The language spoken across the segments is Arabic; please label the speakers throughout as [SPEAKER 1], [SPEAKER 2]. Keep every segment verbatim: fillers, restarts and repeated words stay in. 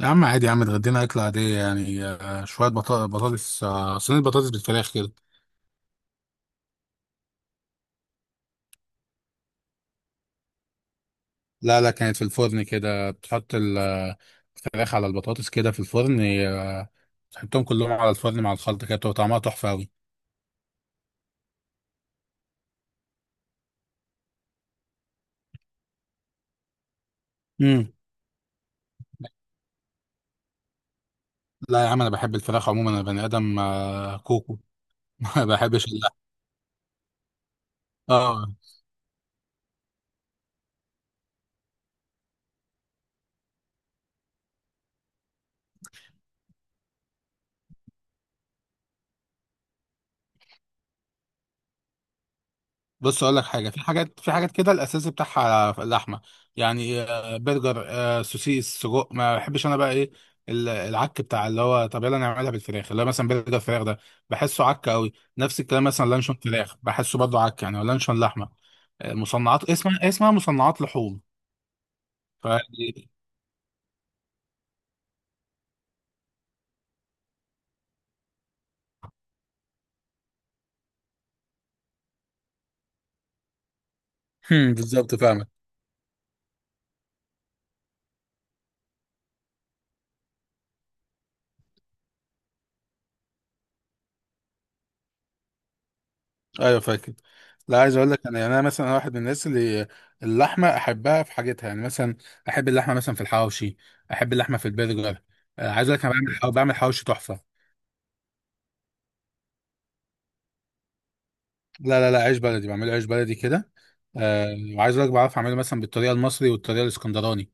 [SPEAKER 1] يا عم عادي، يا عم اتغدينا أكلة عادية يعني آه، شوية بطا- بطاطس، آه، صينية بطاطس بالفراخ كده. لا لا، كانت في الفرن كده، بتحط ال- آه، الفراخ على البطاطس كده في الفرن، آه، تحطهم كلهم على الفرن مع الخلطة كده، بتبقى طعمها تحفة أوي. مم. لا يا عم، أنا بحب الفراخ عموما، أنا بني آدم آه، كوكو. ما بحبش اللحم. اه. بص اقول لك حاجه، في حاجات، في حاجات كده الاساسي بتاعها اللحمه، يعني آه، برجر، آه، سوسيس، سجق، ما بحبش انا بقى ايه ال- العك بتاع اللي هو، طب يلا نعملها بالفراخ اللي هو مثلا برجر فراخ ده، بحسه عك قوي. نفس الكلام مثلا لانشون فراخ، بحسه برضه عك، يعني ولا لانشون لحمه. آه، مصنعات، اسمها اسمها مصنعات لحوم. ف بالظبط، فاهمك. ايوه فاكر. لا عايز اقول لك، انا يعني انا مثلا واحد من الناس اللي اللحمه احبها في حاجتها، يعني مثلا احب اللحمه مثلا في الحواوشي، احب اللحمه في البرجر. آه، عايز اقول لك انا بعمل بعمل حواوشي تحفه. لا لا لا، عيش بلدي، بعمله عيش بلدي كده. آه، وعايز اقول لك بعرف اعمله مثلا بالطريقه المصري والطريقه الاسكندراني.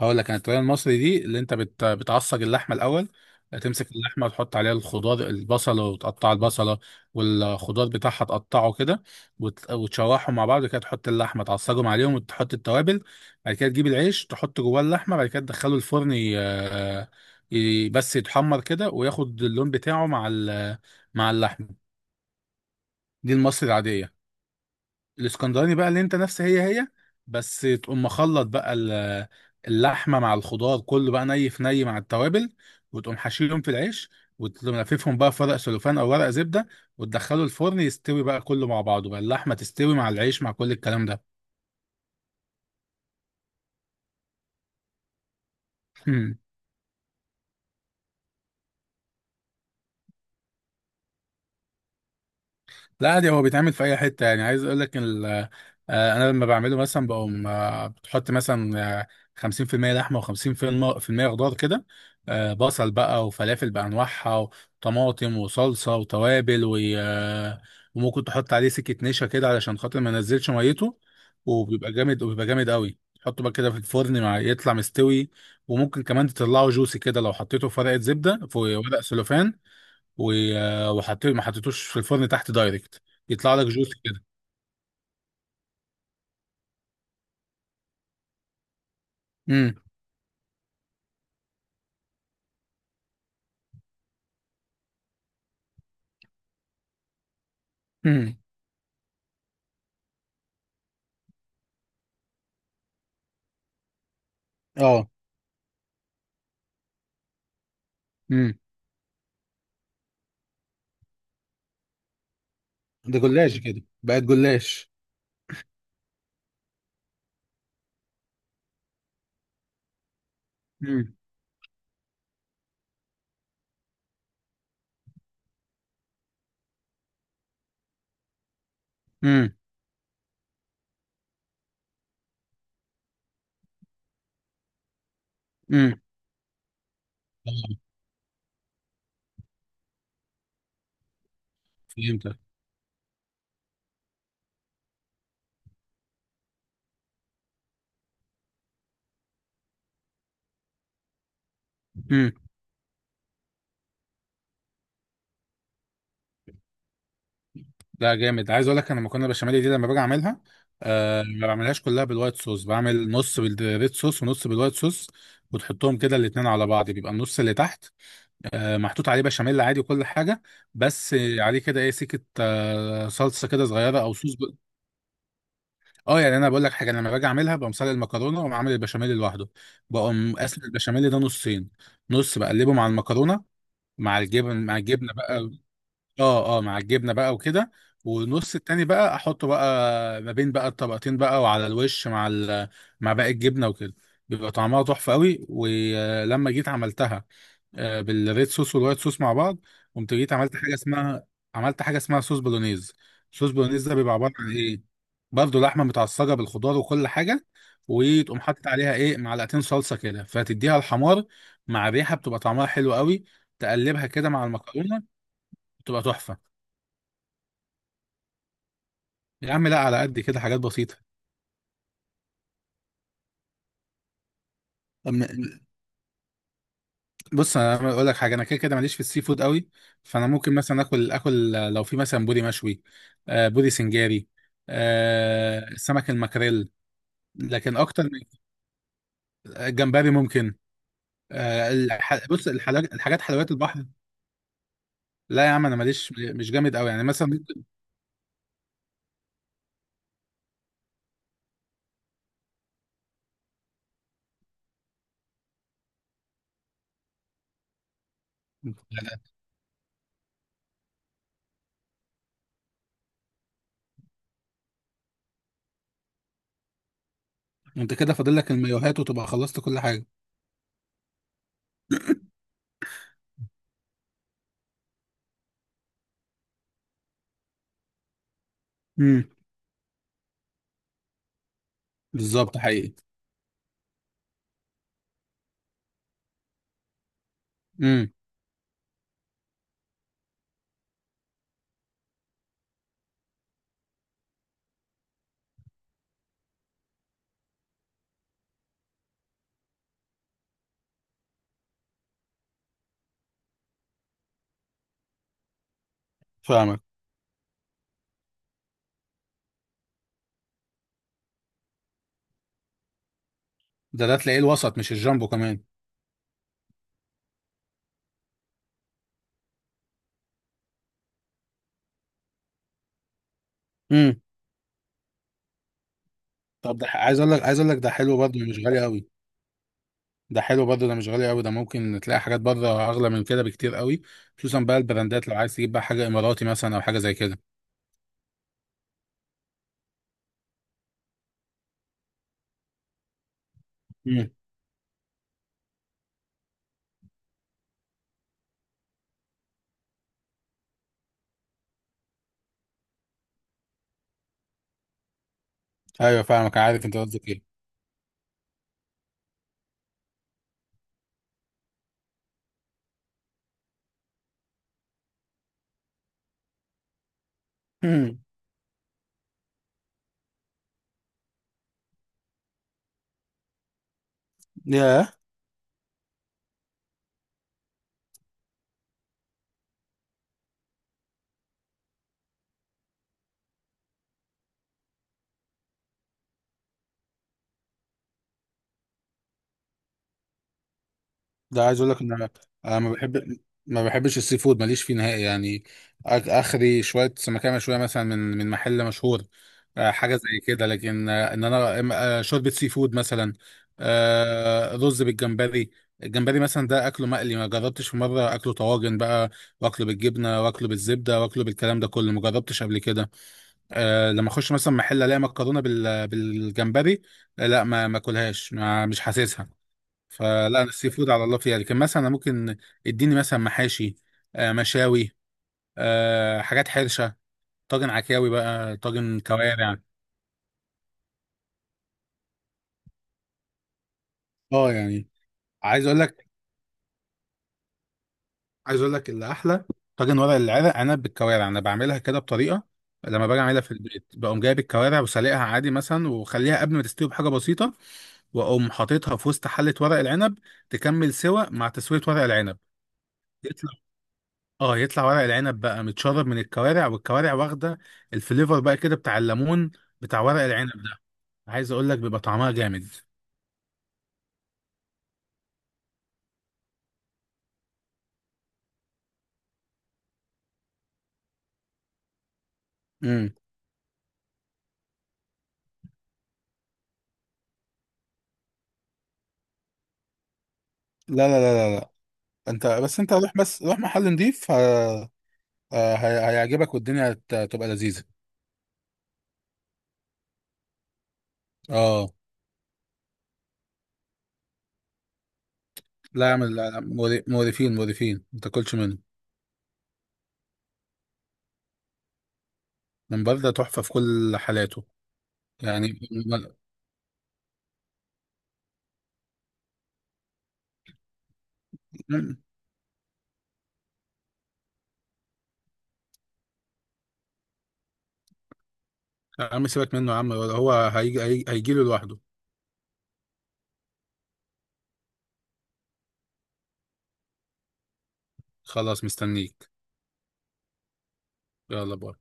[SPEAKER 1] هقول لك انا، الطريقه المصري دي اللي انت بت... بتعصج اللحمه الاول، تمسك اللحمه وتحط عليها الخضار البصله، وتقطع البصله والخضار بتاعها، تقطعه كده وت... وتشوحهم مع بعض كده، تحط اللحمه تعصجهم عليهم وتحط التوابل. بعد كده تجيب العيش، تحط جواه اللحمه، بعد كده تدخله الفرن، ي... ي... بس يتحمر كده وياخد اللون بتاعه مع ال... مع اللحمه. دي المصري العاديه. الاسكندراني بقى، اللي انت نفس هي هي، بس تقوم مخلط بقى ال- اللحمه مع الخضار كله بقى ني في ني مع التوابل، وتقوم حشيهم في العيش، وتقوم لففهم بقى في ورق سلوفان او ورق زبده، وتدخله الفرن يستوي بقى كله مع بعضه بقى، اللحمه تستوي مع العيش مع كل الكلام ده. لا عادي، هو بيتعمل في اي حته. يعني عايز اقول لك ال- آه، انا لما بعمله مثلا بقوم، آه، بتحط مثلا آه، خمسين في المية لحمه و50% خضار كده، آه، بصل بقى، وفلافل بانواعها، وطماطم، وصلصه، وتوابل، و- آه، وممكن تحط عليه سكه نشا كده علشان خاطر ما ينزلش ميته. وبيبقى جامد، وبيبقى جامد قوي، تحطه بقى كده في الفرن مع يطلع مستوي. وممكن كمان تطلعه جوسي كده لو حطيته في ورقه زبده في ورق سلوفان، و- وحطيت، ما حطيتوش في الفرن تحت دايركت، يطلع لك جوس كده. امم. امم. اه. امم. ده جلاش كده، بقت جلاش. امم. امم. امم. فهمتك. امم. لا جامد، عايز اقول لك انا مكرونه بشاميل دي لما باجي اعملها، آه ما بعملهاش كلها بالوايت صوص، بعمل نص بالريد صوص ونص بالوايت صوص. وتحطهم كده الاتنين على بعض، بيبقى النص اللي تحت آه محطوط عليه بشاميل عادي وكل حاجه، بس عليه كده ايه سكه آه صلصه كده صغيره او صوص. اه يعني انا بقول لك حاجه، انا لما باجي اعملها بقوم سلق المكرونه واقوم عامل البشاميل لوحده، بقوم قاسم البشاميل ده نصين. نص بقلبه مع المكرونه، مع الجبن، مع الجبنه بقى. اه اه، مع الجبنه بقى وكده. والنص التاني بقى احطه بقى ما بين بقى الطبقتين بقى، وعلى الوش مع ال... مع باقي الجبنه وكده. بيبقى طعمها تحفه قوي. ولما جيت عملتها آه، بالريد صوص والوايت صوص مع بعض، قمت جيت عملت حاجه اسمها، عملت حاجه اسمها صوص بولونيز. صوص بولونيز ده بيبقى عباره عن ايه، برضه لحمه متعصجه بالخضار وكل حاجه، وتقوم حاطط عليها ايه معلقتين صلصه كده فتديها الحمار مع ريحه، بتبقى طعمها حلو قوي. تقلبها كده مع المكرونه، بتبقى تحفه. يا عم لا، على قد كده، حاجات بسيطه. بص انا اقول لك حاجه، انا كده كده ماليش في السي فود قوي. فانا ممكن مثلا اكل اكل لو في مثلا بودي مشوي، آه، بودي سنجاري، آه، سمك المكريل. لكن اكتر من، جمبري ممكن. آه، الح... بص الحاجات، الحاجات حلويات البحر. لا يا عم انا ماليش، مش جامد قوي، يعني مثلا ممكن. آه، انت كده فاضل لك المايوهات، وتبقى خلصت كل حاجه. امم. بالظبط، حقيقي. امم. فاهمك. ده ده تلاقيه الوسط مش الجامبو كمان. امم. طب ده ح- عايز اقول لك، عايز اقول لك ده حلو برضه مش غالي قوي. ده حلو برضه، ده مش غالي قوي، ده ممكن تلاقي حاجات بره اغلى من كده بكتير قوي. خصوصا بقى البراندات، لو عايز تجيب بقى حاجه اماراتي مثلا او حاجه زي كده. امم. ايوه فاهمك، عارف انت قصدك ايه. امم. ياه. ده عايز اقول لك ان انا، أنا ما بحب ما بحبش السي فود، ماليش فيه نهائي يعني. آك- اخري شويه سمكيه مشويه مثلا من من محل مشهور، آه، حاجه زي كده. لكن آه، ان انا إم- آه، شوربه سي فود مثلا، آه، رز بالجمبري. الجمبري مثلا ده اكله مقلي، ما جربتش في مره اكله طواجن بقى، واكله بالجبنه، واكله بالزبده، واكله بالكلام ده كله، ما جربتش قبل كده. أه لما اخش مثلا محل الاقي مكرونه بال- بالجمبري، آه، لا ما ما اكلهاش، ما مش حاسسها. فلا انا السي فود على الله فيها يعني، كان مثلا أنا ممكن اديني مثلا محاشي، آه، مشاوي، آه، حاجات حرشه، طاجن عكاوي بقى، طاجن كوارع. اه. يعني عايز اقول لك، عايز اقول لك اللي احلى طاجن ورق العنب، عنب بالكوارع، انا بعملها كده بطريقه. لما باجي اعملها في البيت بقوم جايب الكوارع وسلقها عادي مثلا، واخليها قبل ما تستوي بحاجه بسيطه، واقوم حاططها في وسط حله ورق العنب، تكمل سوا مع تسويه ورق العنب. اه يطلع ورق العنب بقى متشرب من الكوارع، والكوارع واخده الفليفر بقى كده بتاع الليمون، بتاع ورق العنب ده. عايز اقول لك بيبقى طعمها جامد. امم. لا لا لا لا لا، انت بس، انت روح بس روح محل نضيف، ه... آه، ه... هيعجبك، والدنيا هت- هتبقى لذيذة. اه. لا اعمل لا لا، مور- مقرفين مقرفين، ما تاكلش منه. من برده تحفة في كل حالاته. يعني م- م- يا عم سيبك منه يا عم، هو هيجي، هيجي له لوحده. خلاص، مستنيك. يلا باي.